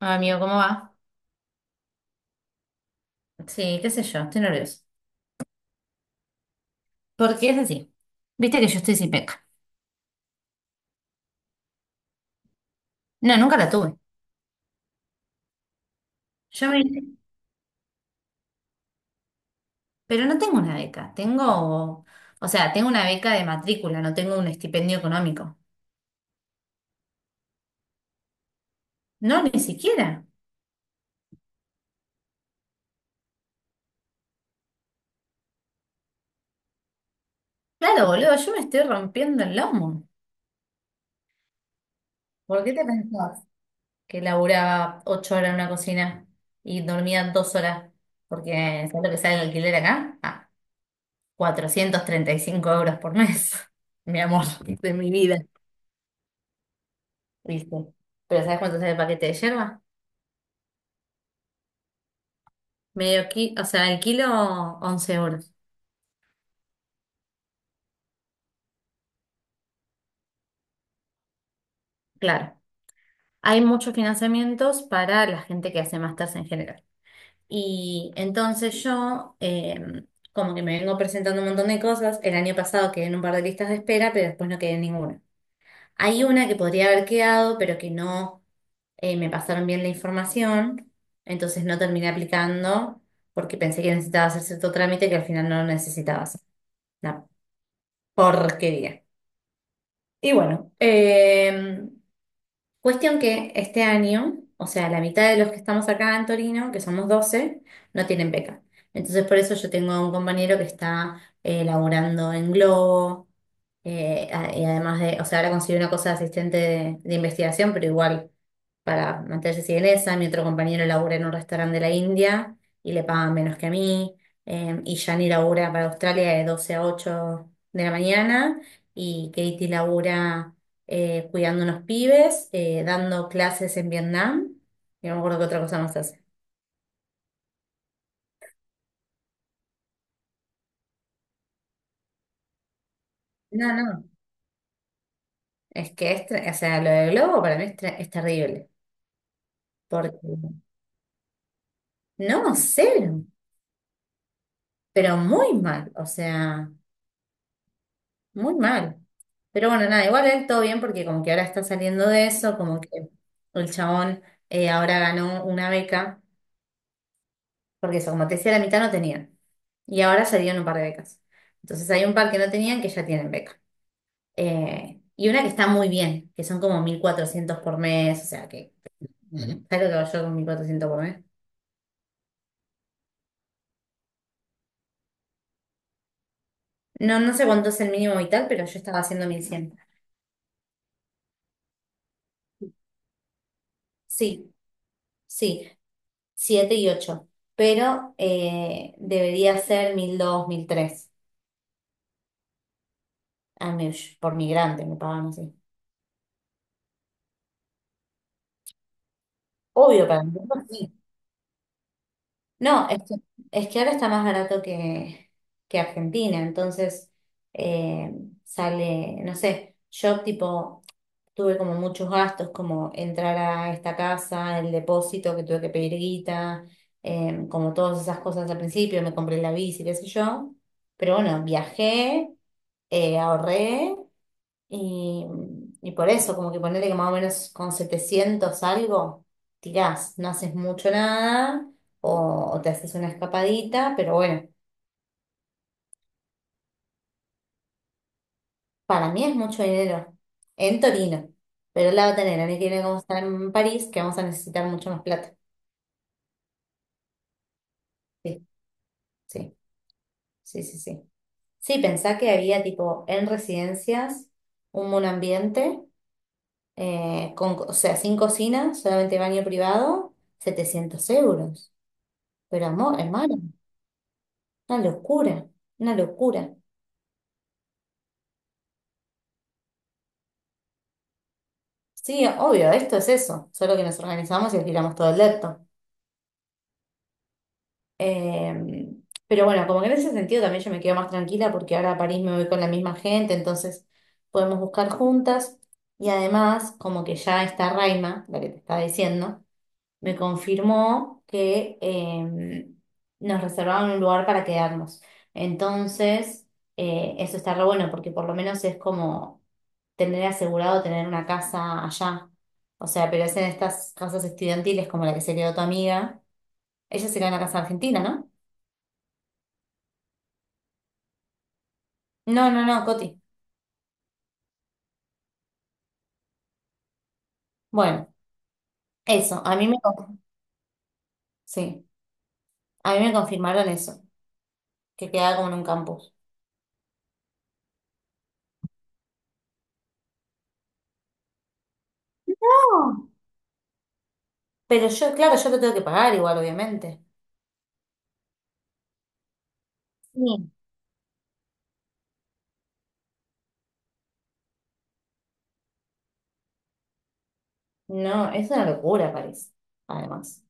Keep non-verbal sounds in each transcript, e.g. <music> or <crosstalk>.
Ah, Amigo, ¿cómo va? Sí, qué sé yo, estoy nerviosa. Porque es así, viste que yo estoy sin beca. No, nunca la tuve. Yo me... Pero no tengo una beca, tengo, o sea, tengo una beca de matrícula, no tengo un estipendio económico. No, ni siquiera. Claro, boludo, yo me estoy rompiendo el lomo. ¿Por qué te pensás que laburaba 8 horas en una cocina y dormía 2 horas? Porque, ¿sabes lo que sale el alquiler acá? Ah, 435 euros por mes, <laughs> mi amor, de mi vida. Listo. Pero ¿sabes cuánto sale el paquete de yerba? Medio kilo, o sea, el kilo 11 euros, claro. Hay muchos financiamientos para la gente que hace másters en general. Y entonces yo, como que me vengo presentando un montón de cosas. El año pasado quedé en un par de listas de espera, pero después no quedé en ninguna. Hay una que podría haber quedado, pero que no me pasaron bien la información, entonces no terminé aplicando porque pensé que necesitaba hacer cierto trámite que al final no lo necesitaba hacer. Una porquería. Y bueno, cuestión que este año, o sea, la mitad de los que estamos acá en Torino, que somos 12, no tienen beca. Entonces, por eso yo tengo un compañero que está laburando en Globo, y además de, o sea, ahora consiguió una cosa de asistente de investigación, pero igual para mantenerse sin esa. Mi otro compañero labura en un restaurante de la India y le pagan menos que a mí. Y Yani labura para Australia de 12 a 8 de la mañana, y Katie labura cuidando unos pibes, dando clases en Vietnam. Y no me acuerdo qué otra cosa más hace. No, no, es que o sea, lo de Globo para mí es terrible, porque no, cero, pero muy mal, o sea, muy mal. Pero bueno, nada, igual él todo bien porque como que ahora está saliendo de eso, como que el chabón ahora ganó una beca, porque eso, como te decía, la mitad no tenían, y ahora salieron un par de becas. Entonces hay un par que no tenían que ya tienen beca. Y una que está muy bien, que son como 1400 por mes, o sea que, Ujú. ¿Sabes lo que hago yo con 1.400 por mes? No, no sé cuánto es el mínimo vital, pero yo estaba haciendo 1100. Sí, sí, 7 y ocho. Pero debería ser mil dos, mil tres. A mí, por migrante, me pagan así. Obvio, para mí, sí. No, es que ahora está más barato que Argentina, entonces eh, sale, no sé, yo tipo. Tuve como muchos gastos, como entrar a esta casa, el depósito que tuve que pedir guita, como todas esas cosas al principio, me compré la bici, qué sé yo. Pero bueno, viajé, ahorré, y, y por eso, como que ponerle que más o menos con 700 algo, tirás, no haces mucho nada, o te haces una escapadita, pero bueno, para mí es mucho dinero en Torino, pero la va a tener. A mí que como estar en París, que vamos a necesitar mucho más plata. ¿Sí? Sí, sí, sí, sí. Sí, pensá que había tipo en residencias un monoambiente, o sea, sin cocina, solamente baño privado, 700 euros. Pero amor, hermano, una locura, una locura. Sí, obvio, esto es eso, solo que nos organizamos y alquilamos todo el depto. Eh, pero bueno, como que en ese sentido también yo me quedo más tranquila porque ahora a París me voy con la misma gente, entonces podemos buscar juntas. Y además, como que ya está Raima, la que te estaba diciendo, me confirmó que nos reservaron un lugar para quedarnos. Entonces, eso está re bueno porque por lo menos es como tener asegurado tener una casa allá. O sea, pero es en estas casas estudiantiles como la que se quedó tu amiga. Ella se quedó en la casa argentina, ¿no? No, no, no, Coti. Bueno, eso, a mí me, con- sí, a mí me confirmaron eso, que quedaba como en un campus. Oh, pero yo, claro, yo lo tengo que pagar igual, obviamente. Sí. No, es una locura París, además.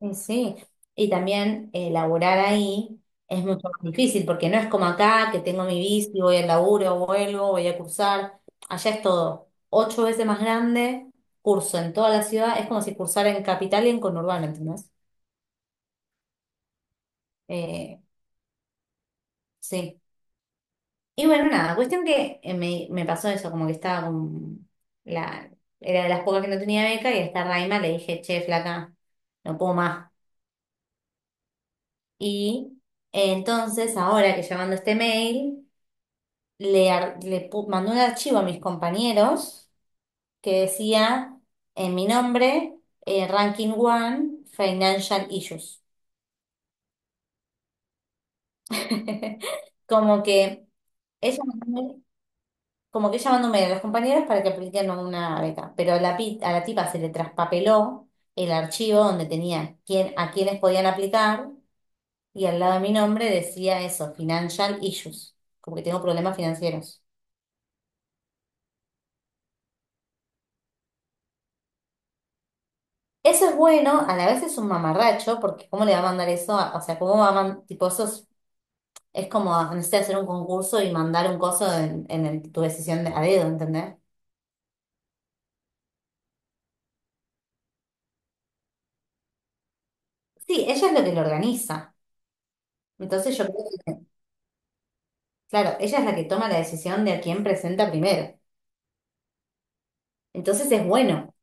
Sí, sí. Y también laburar ahí es mucho más difícil, porque no es como acá, que tengo mi bici, voy al laburo, vuelvo, voy a cursar. Allá es todo ocho veces más grande, curso en toda la ciudad, es como si cursara en capital y en conurbano, ¿entendés? Eh, sí. Y bueno, nada, cuestión que me pasó eso, como que estaba la... Era de las pocas que no tenía beca, y a esta Raima le dije, che, flaca, no puedo más. Y entonces, ahora que llamando este mail, le, ar- le pu- mandé un archivo a mis compañeros que decía en mi nombre, Ranking One, Financial Issues. <laughs> Como que ella mandó- como que ella mandó un mail a los compañeros para que apliquen una beca. Pero a la tipa se le traspapeló el archivo donde tenía quién, a quiénes podían aplicar, y al lado de mi nombre decía eso, Financial Issues, como que tengo problemas financieros. Eso es bueno, a la vez es un mamarracho, porque ¿cómo le va a mandar eso? O sea, ¿cómo va a mandar, tipo, eso es, como, necesitas hacer un concurso y mandar un coso en, tu decisión de, a dedo, ¿entendés? Sí, ella es la que lo organiza. Entonces yo creo que, claro, ella es la que toma la decisión de a quién presenta primero. Entonces es bueno,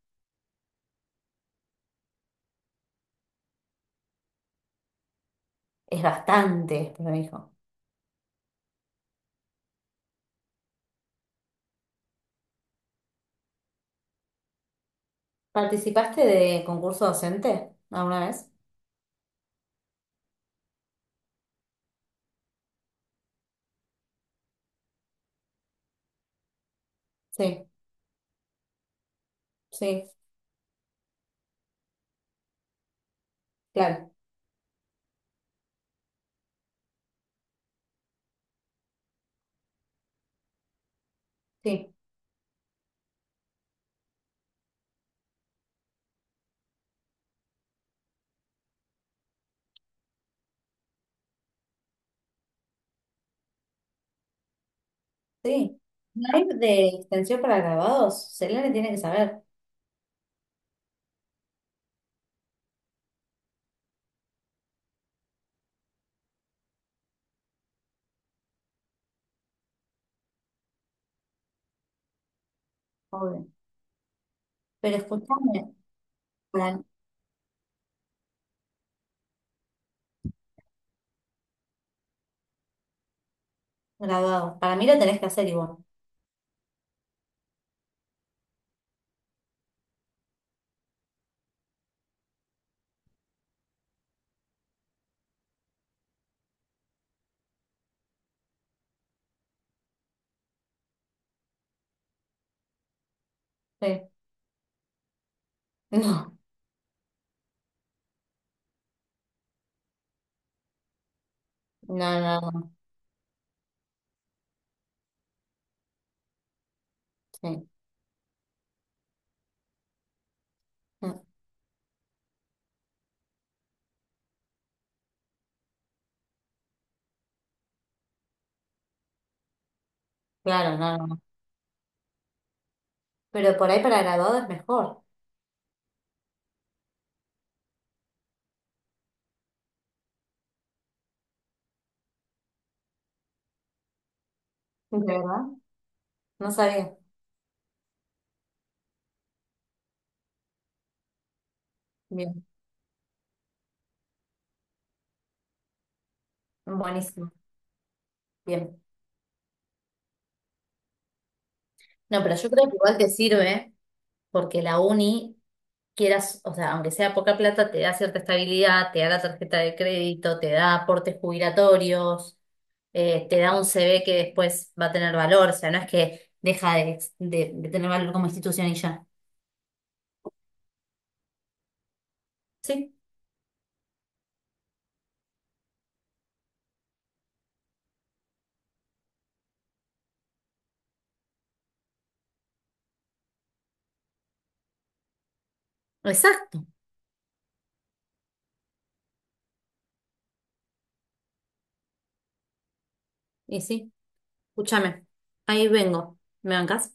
es bastante, pero dijo. ¿Participaste de concurso docente alguna vez? Sí, sí, claro, sí, sí. Live de extensión para grabados, Selene tiene que saber. Pero escúchame, para, graduado. Para mí lo tenés que hacer igual. Sí. <laughs> No, no, no, no. Sí. No, claro, no, no. No. Pero por ahí para graduado es mejor. ¿De verdad? No sabía. Bien, buenísimo. Bien. No, pero yo creo que igual te sirve porque la uni, quieras, o sea, aunque sea poca plata, te da cierta estabilidad, te da la tarjeta de crédito, te da aportes jubilatorios, te da un CV que después va a tener valor. O sea, no es que deja de tener valor como institución y ya. Sí. Exacto. Y sí, escúchame. Ahí vengo. ¿Me bancas?